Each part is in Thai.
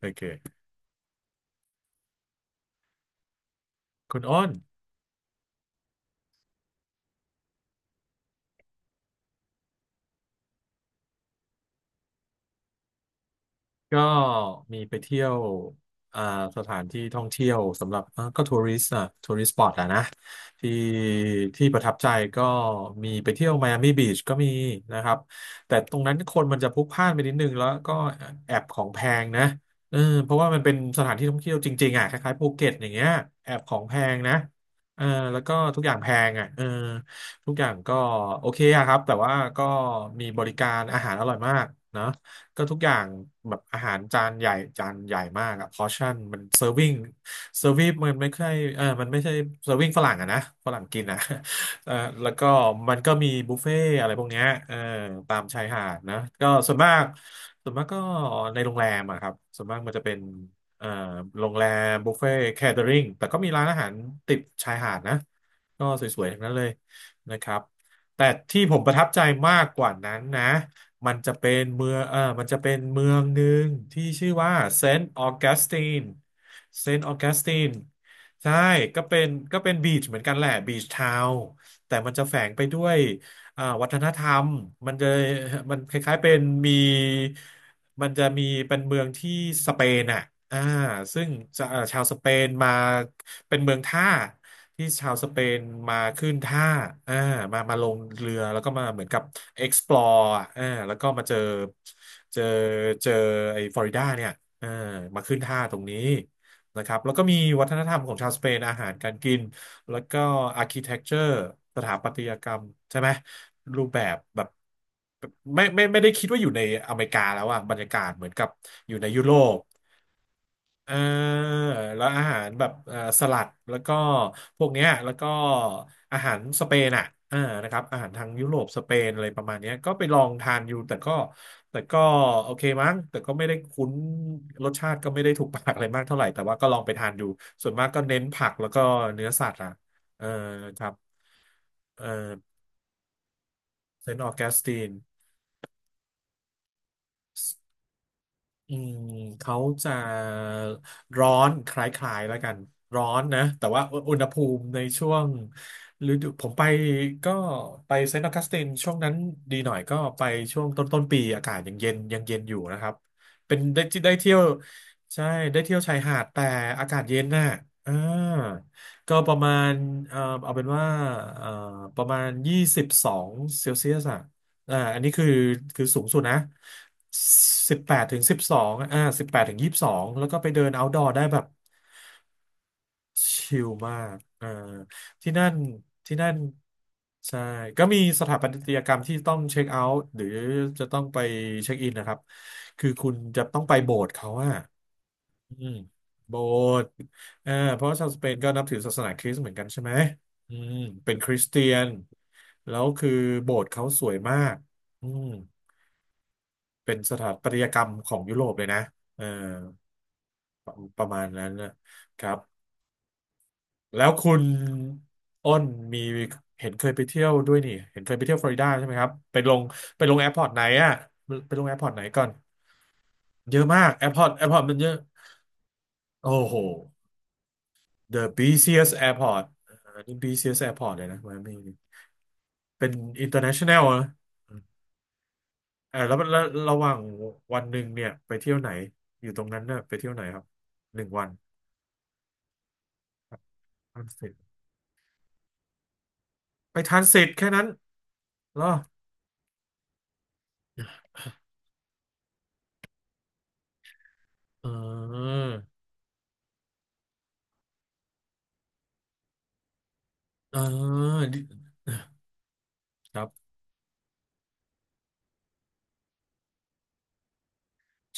โอเคคุณอ้นก็มีไปเที่ยวอ่าสถานที่ท่องเที่ยวสำหรับก็ทัวริสต์อ่ะทัวริสต์สปอตอะนะที่ที่ประทับใจก็มีไปเที่ยวไมอามี่บีชก็มีนะครับแต่ตรงนั้นคนมันจะพลุกพล่านไปนิดนึงแล้วก็แอบของแพงนะเออเพราะว่ามันเป็นสถานที่ท่องเที่ยวจริงๆอ่ะคล้ายๆภูเก็ตอย่างเงี้ยแอบของแพงนะเออแล้วก็ทุกอย่างแพงอ่ะเออทุกอย่างก็โอเคอะครับแต่ว่าก็มีบริการอาหารอร่อยมากนะ ก็ทุกอย่างแบบอาหารจานใหญ่จานใหญ่มากอะพอชั่นมันเซอร์วิ s งเซอร์วิมันไม่ใช่มันไม่ใช่เซอร์วิ g งฝรั่งอะนะฝรั่งกินอะ เออแล้วก็มันก็มีบุฟเฟ่อะไรพวกเนี้ยเออตามชายหาดนะก็ส่วนมากก็ในโรงแรมอะครับส่วนมากมันจะเป็นเอ่อโรงแรมบุฟเฟ่แคเทอริงแต่ก็มีร้านอาหารติดชายหาดนะก็สวยๆทั้งนั้นเลยนะครับแต่ที่ผมประทับใจมากกว่านั้นนะ มันจะเป็นเมืองมันจะเป็นเมืองหนึ่งที่ชื่อว่าเซนต์ออกัสตินเซนต์ออกัสตินใช่ก็เป็นบีชเหมือนกันแหละบีชทาวน์แต่มันจะแฝงไปด้วยวัฒนธรรมมันจะมันคล้ายๆเป็นมีมันจะมีเป็นเมืองที่สเปนอ่ะอ่าซึ่งจะชาวสเปนมาเป็นเมืองท่า ที่ชาวสเปนมาขึ้นท่าอ่ามาลงเรือแล้วก็มาเหมือนกับ explore อะอ่าแล้วก็มาเจอเจอเจอไอ้ฟลอริดาเนี่ยอ่ามาขึ้นท่าตรงนี้นะครับแล้วก็มีวัฒนธรรมของชาวสเปนอาหารการกินแล้วก็ architecture สถาปัตยกรรมใช่ไหมรูปแบบไม่ไม่ได้คิดว่าอยู่ในอเมริกาแล้วอะบรรยากาศเหมือนกับอยู่ในยุโรป อ่าแล้วอาหารแบบสลัดแล้วก็พวกเนี้ยแล้วก็อาหารสเปนอ่ะอ่านะครับอาหารทางยุโรปสเปนอะไรประมาณเนี้ยก็ไปลองทานอยู่แต่ก็แต่ก็โอเคมั้งแต่ก็ไม่ได้คุ้นรสชาติก็ไม่ได้ถูกปากอะไรมากเท่าไหร่แต่ว่าก็ลองไปทานดูส่วนมากก็เน้นผักแล้วก็เนื้อสัตว์อ่ะเออครับเออเซนต์ออแกสติน อืมเขาจะร้อนคล้ายๆแล้วกันร้อนนะแต่ว่าอุณหภูมิในช่วงฤดูผมไปก็ไปเซนต์ออกัสตินช่วงนั้นดีหน่อยก็ไปช่วงต้นปีอากาศยังเย็นอยู่นะครับเป็นได้ที่ได้เที่ยวใช่ได้เที่ยวชายหาดแต่อากาศเย็นน่ะอ่าก็ประมาณเอาเป็นว่าเอ่อประมาณยี่สิบสองเซลเซียส อ่าอันนี้คือสูงสุดนะ18 ถึง 22แล้วก็ไปเดิน outdoor ได้แบบชิลมากอ่าที่นั่นที่นั่นใช่ก็มีสถาปัตยกรรมที่ต้องเช็คเอาท์หรือจะต้องไปเช็คอินนะครับคือคุณจะต้องไปโบสถ์เขาอะอืมโบสถ์อ่าเพราะว่าชาวสเปนก็นับถือศาสนาคริสต์เหมือนกันใช่ไหมอืมเป็นคริสเตียนแล้วคือโบสถ์เขาสวยมากอืม เป็นสถาปัตยกรรมของยุโรปเลยนะเออประมาณนั้นนะครับแล้วคุณอ้นมีเห็นเคยไปเที่ยวด้วยนี่เห็นเคยไปเที่ยวฟลอริดาใช่ไหมครับไปลงไปลงแอร์พอร์ตไหนอะไปลงแอร์พอร์ตไหนก่อนเยอะมากแอร์พอร์ตมันเยอะโอ้โห The busiest airport อันนี้ busiest airport เลยนะไมอามีเป็น international นะเออแล้วระหว่างวันหนึ่งเนี่ยไปเที่ยวไหนอยู่ตรงนั้นน่ะไปเที่ยวไหนครับ1 วันอังกฤษ ไปทันเสร็จแค่นั้นเหรอเออเออดิครับ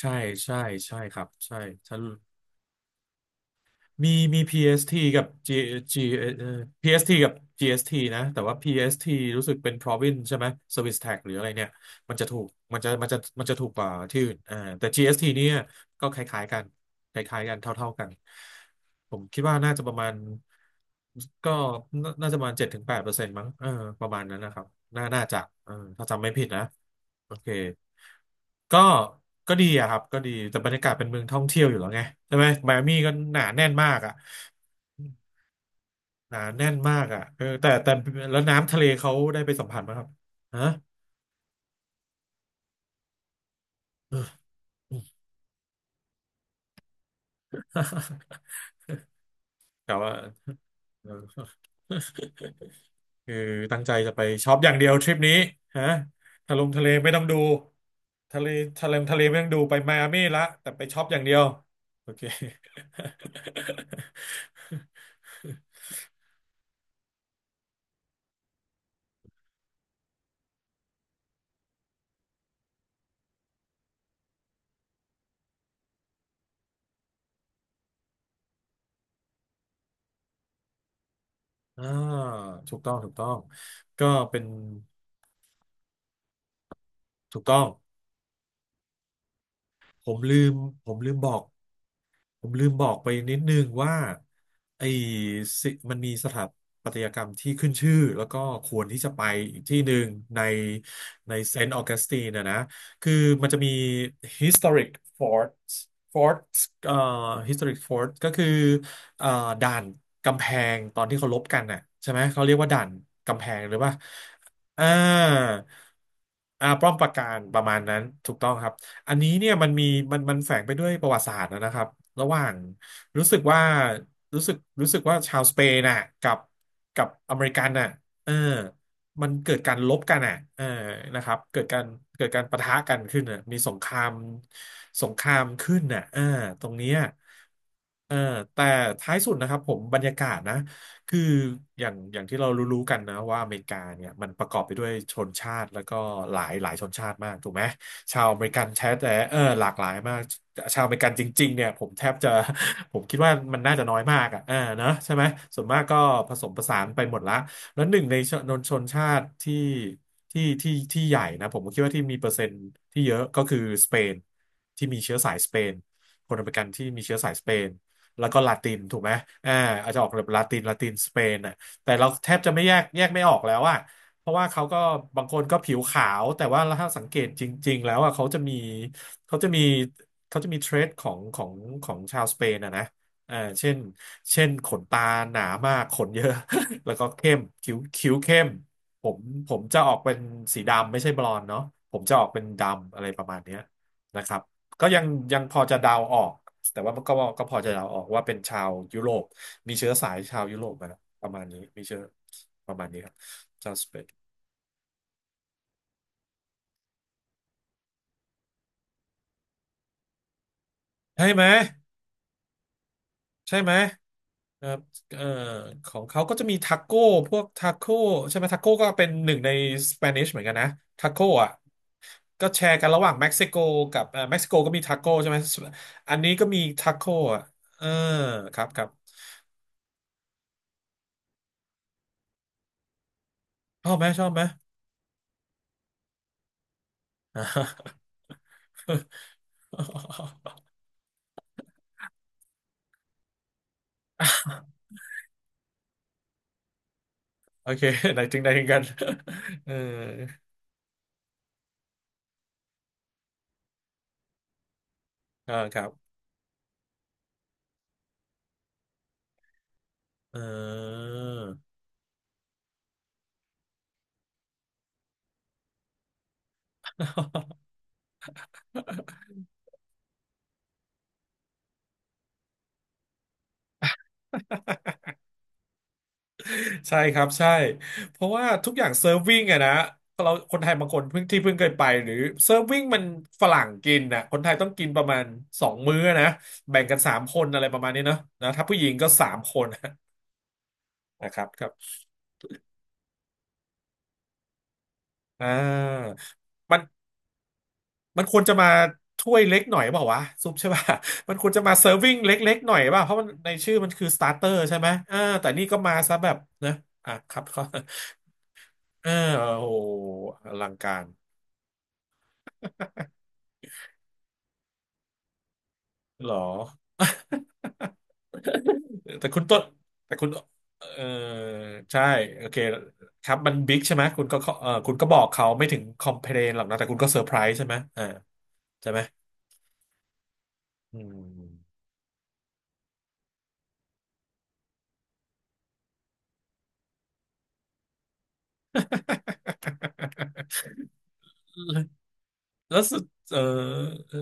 ใช่ใช่ใช่ครับใช่ฉันมีPST กับ G G s t กับ GST นะแต่ว่า PST รู้สึกเป็น province ใช่ไหม Service Tax หรืออะไรเนี่ย มันจะถูกมันจะถูกกว่าที่อื่นอ่าแต่ GST เอสทีเนี่ยก็คล้ายๆกันคล้ายๆกันเท่าๆกันผมคิดว่าน่าจะประมาณก็น่าจะประมาณ7-8%มั้งประมาณนั้นนะครับน่าจะถ้าจำไม่ผิดนะโอเคก็ก็ดีอะครับก็ดีแต่บรรยากาศเป็นเมืองท่องเที่ยวอยู่แล้วไงใช่ไหมไมอามี่ก็หนาแน่นมากอะหนาแน่นมากอะแต่แล้วน้ำทะเลเขาได้ไปสัมผัสไหมครับฮะ กะว่า เออคือตั้งใจจะไปช็อปอย่างเดียวทริปนี้ฮะทะเลไม่ต้องดูทะเลทะเลไม่ต้องดูไปไมอามี่ละแต่ไปช็อปอย่างเดียวโอเค อ่าถูกต้องถูกต้องก็เป็นถูกต้องผมลืมผมบอก ผมลืมบอกไปนิดนึงว่าไอ้สิมันมีสถาปัตยกรรมที่ขึ้นชื่อแล้วก็ควรที่จะไปอีกที่หนึ่งในในเซนต์ออกัสตินนะคือมันจะมี historic forts forts เอ่อ historic fort ก็คือเอ่อด่านกำแพงตอนที่เขารบกันน่ะใช่ไหมเขาเรียกว่าด่านกำแพงหรือว่าอ่าป้อมปราการประมาณนั้นถูกต้องครับ อันนี้เนี่ยมันมีมันมันแฝงไปด้วยประวัติศาสตร์นะครับระหว่างรู้สึกว่ารู้สึกว่าชาวสเปนน่ะกับอเมริกันน่ะเออมันเกิดการลบกันอ่ะนะครับเกิดการปะทะกันขึ้นน่ะมีสงครามขึ้นน่ะตรงเนี้ยเออแต่ท้ายสุดนะครับผมบรรยากาศนะ คืออย่างที่เรารู้ๆกันนะว่าอเมริกาเนี่ยมันประกอบไปด้วยชนชาติแล้วก็หลายหลายชนชาติมากถูกไหมชาวอเมริกันแท้แต่หลากหลายมากชาวอเมริกันจริงๆเนี่ยผมแทบจะ ผมคิดว่ามันน่าจะน้อยมากอ่ะเออเนอะใช่ไหมส่วนมากก็ผสมผสานไปหมดละแล้วหนึ่งในชนชาติที่ใหญ่นะผมก็คิดว่าที่มีเปอร์เซ็นต์ที่เยอะก็คือสเปนที่มีเชื้อสายสเปนคนอเมริกันที่มีเชื้อสายสเปน แล้วก็ลาตินถูกไหมอ่าอาจจะออกแบบลาตินลาตินสเปนอ่ะแต่เราแทบจะไม่แยกไม่ออกแล้วอะเพราะว่าเขาก็บางคนก็ผิวขาว แต่ว่าถ้าสังเกตจริงๆแล้วอ่ะเขาจะมีเขาจะมีเขาจะมีเทรดของชาวสเปนอ่ะนะอ่าเช่นเช่นขนตาหนามากขนเยอะ แล้วก็เข้มคิ้วคิ้วเข้มผมผมจะออกเป็นสีดำไม่ใช่บลอนด์เนาะผมจะออกเป็นดำอะไรประมาณเนี้ยนะครับ ก็ยังพอจะเดาออกแต่ว่าก็พอจะเดาออกว่าเป็นชาวยุโรปมีเชื้อสายชาวยุโรปมาแล้วประมาณนี้มีเชื้อประมาณนี้ครับชาวสเปนใช่ไหมใช่ไหมครับเอ่อของเขาก็จะมีทาโก้พวกทาโก้ใช่ไหมทาโก้ก็เป็นหนึ่งในสเปนิชเหมือนกันนะทาโก้อ่ะก็แชร์กันระหว่างเม็กซิโกกับเม็กซิโกก็มีทาโก้ใช่ไหมอันนี้ก็มีทาโก้อ่ะเออครับครับชอบไหมชอบไหม โอเค ไหนถึงไหนถึงกัน เออครับเออ ใช่ครับใช่ เพราะว่าทุกอย่างเซิร์ฟวิ่งอะนะเราคนไทยบางคนเพิ่งเคยไปหรือเซิร์ฟวิ่งมันฝรั่งกินนะคนไทยต้องกินประมาณสองมื้อนะแบ่งกันสามคนอะไรประมาณนี้เนาะนะถ้าผู้หญิงก็สามคนนะครับครับอ่ามัน มันควรจะมาถ้วยเล็กหน่อยเปล่าวะซุปใช่ป่ะ มันควรจะมาเซิร์ฟวิ่งเล็กๆหน่อยเปล่ะเพราะมันในชื่อมันคือสตาร์เตอร์ใช่ไหมแต่นี่ก็มาซะแบบนะอ่ะครับเขา เออโอ้โหอลังการ หรอ แต่คุณต้นแต่คุณเออใช่โอเคครับมันบิ๊กใช่ไหมคุณก็คุณก็บอกเขาไม่ถึงคอมเพลนหรอกนะแต่คุณก็เซอร์ไพรส์ใช่ไหมใช่ไหมอืม แล้วสุดเออเออ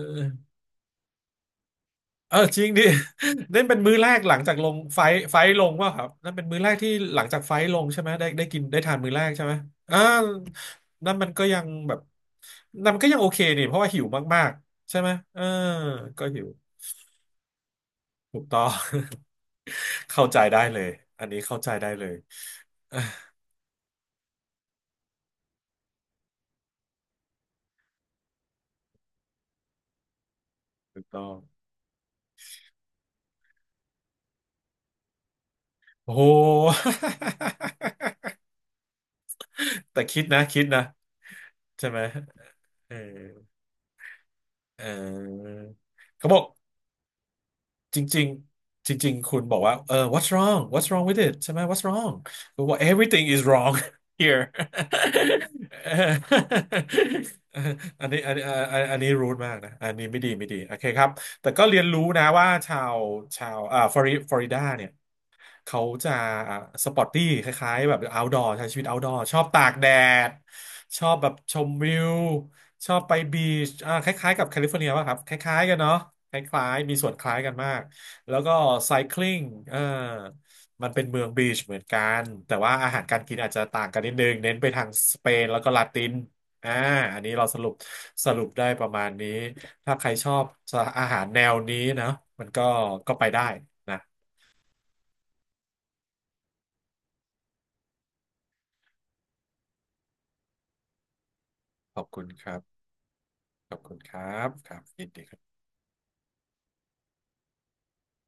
เออจริงดิ นั่นเป็นมื้อแรกหลังจากลงไฟท์ลงว่าครับนั่นเป็นมื้อแรกที่หลังจากไฟท์ลงใช่ไหมได้กินได้ทานมื้อแรกใช่ไหมอ่านั่นมันก็ยังแบบนั่นมันก็ยังโอเคนี่เพราะว่าหิวมากๆใช่ไหมก็หิวถูกต้อง เข้าใจได้เลยอันนี้เข้าใจได้เลยถูกต้องโอ้โห แต่คิดนะคิดนะใช่ไหมเออเออเขาบอก จริงๆจริงๆคุณบอกว่า what's wrong what's wrong with it ใช่ไหม what's wrong คุณบอก everything is wrong here เอออันนี้รูดมากนะ อันนี้ไม่ดีไม่ดีโอเคครับแต่ก็เรียนรู้นะว่าชาวฟลอริดาเนี่ย เขาจะสปอร์ตตี้คล้ายๆแบบ outdoor ใช้ชีวิต outdoor ชอบตากแดดชอบแบบชมวิวชอบไปบีชคล้ายๆกับแคลิฟอร์เนียป่ะครับคล้ายๆกันเนาะคล้ายๆมีส่วนคล้ายกันมากแล้วก็ไซคลิ n งเออมันเป็นเมืองบีชเหมือนกันแต่ว่าอาหารการกินอาจจะต่างกันนิดนึงเน้นไปทางสเปนแล้วก็ลาตินอ่าอันนี้เราสรุปได้ประมาณนี้ถ้าใครชอบอาหารแนวนี้นะมันก็ไปได้นะขอบคุณครับ ขอบคุณครับครับยินดีครับ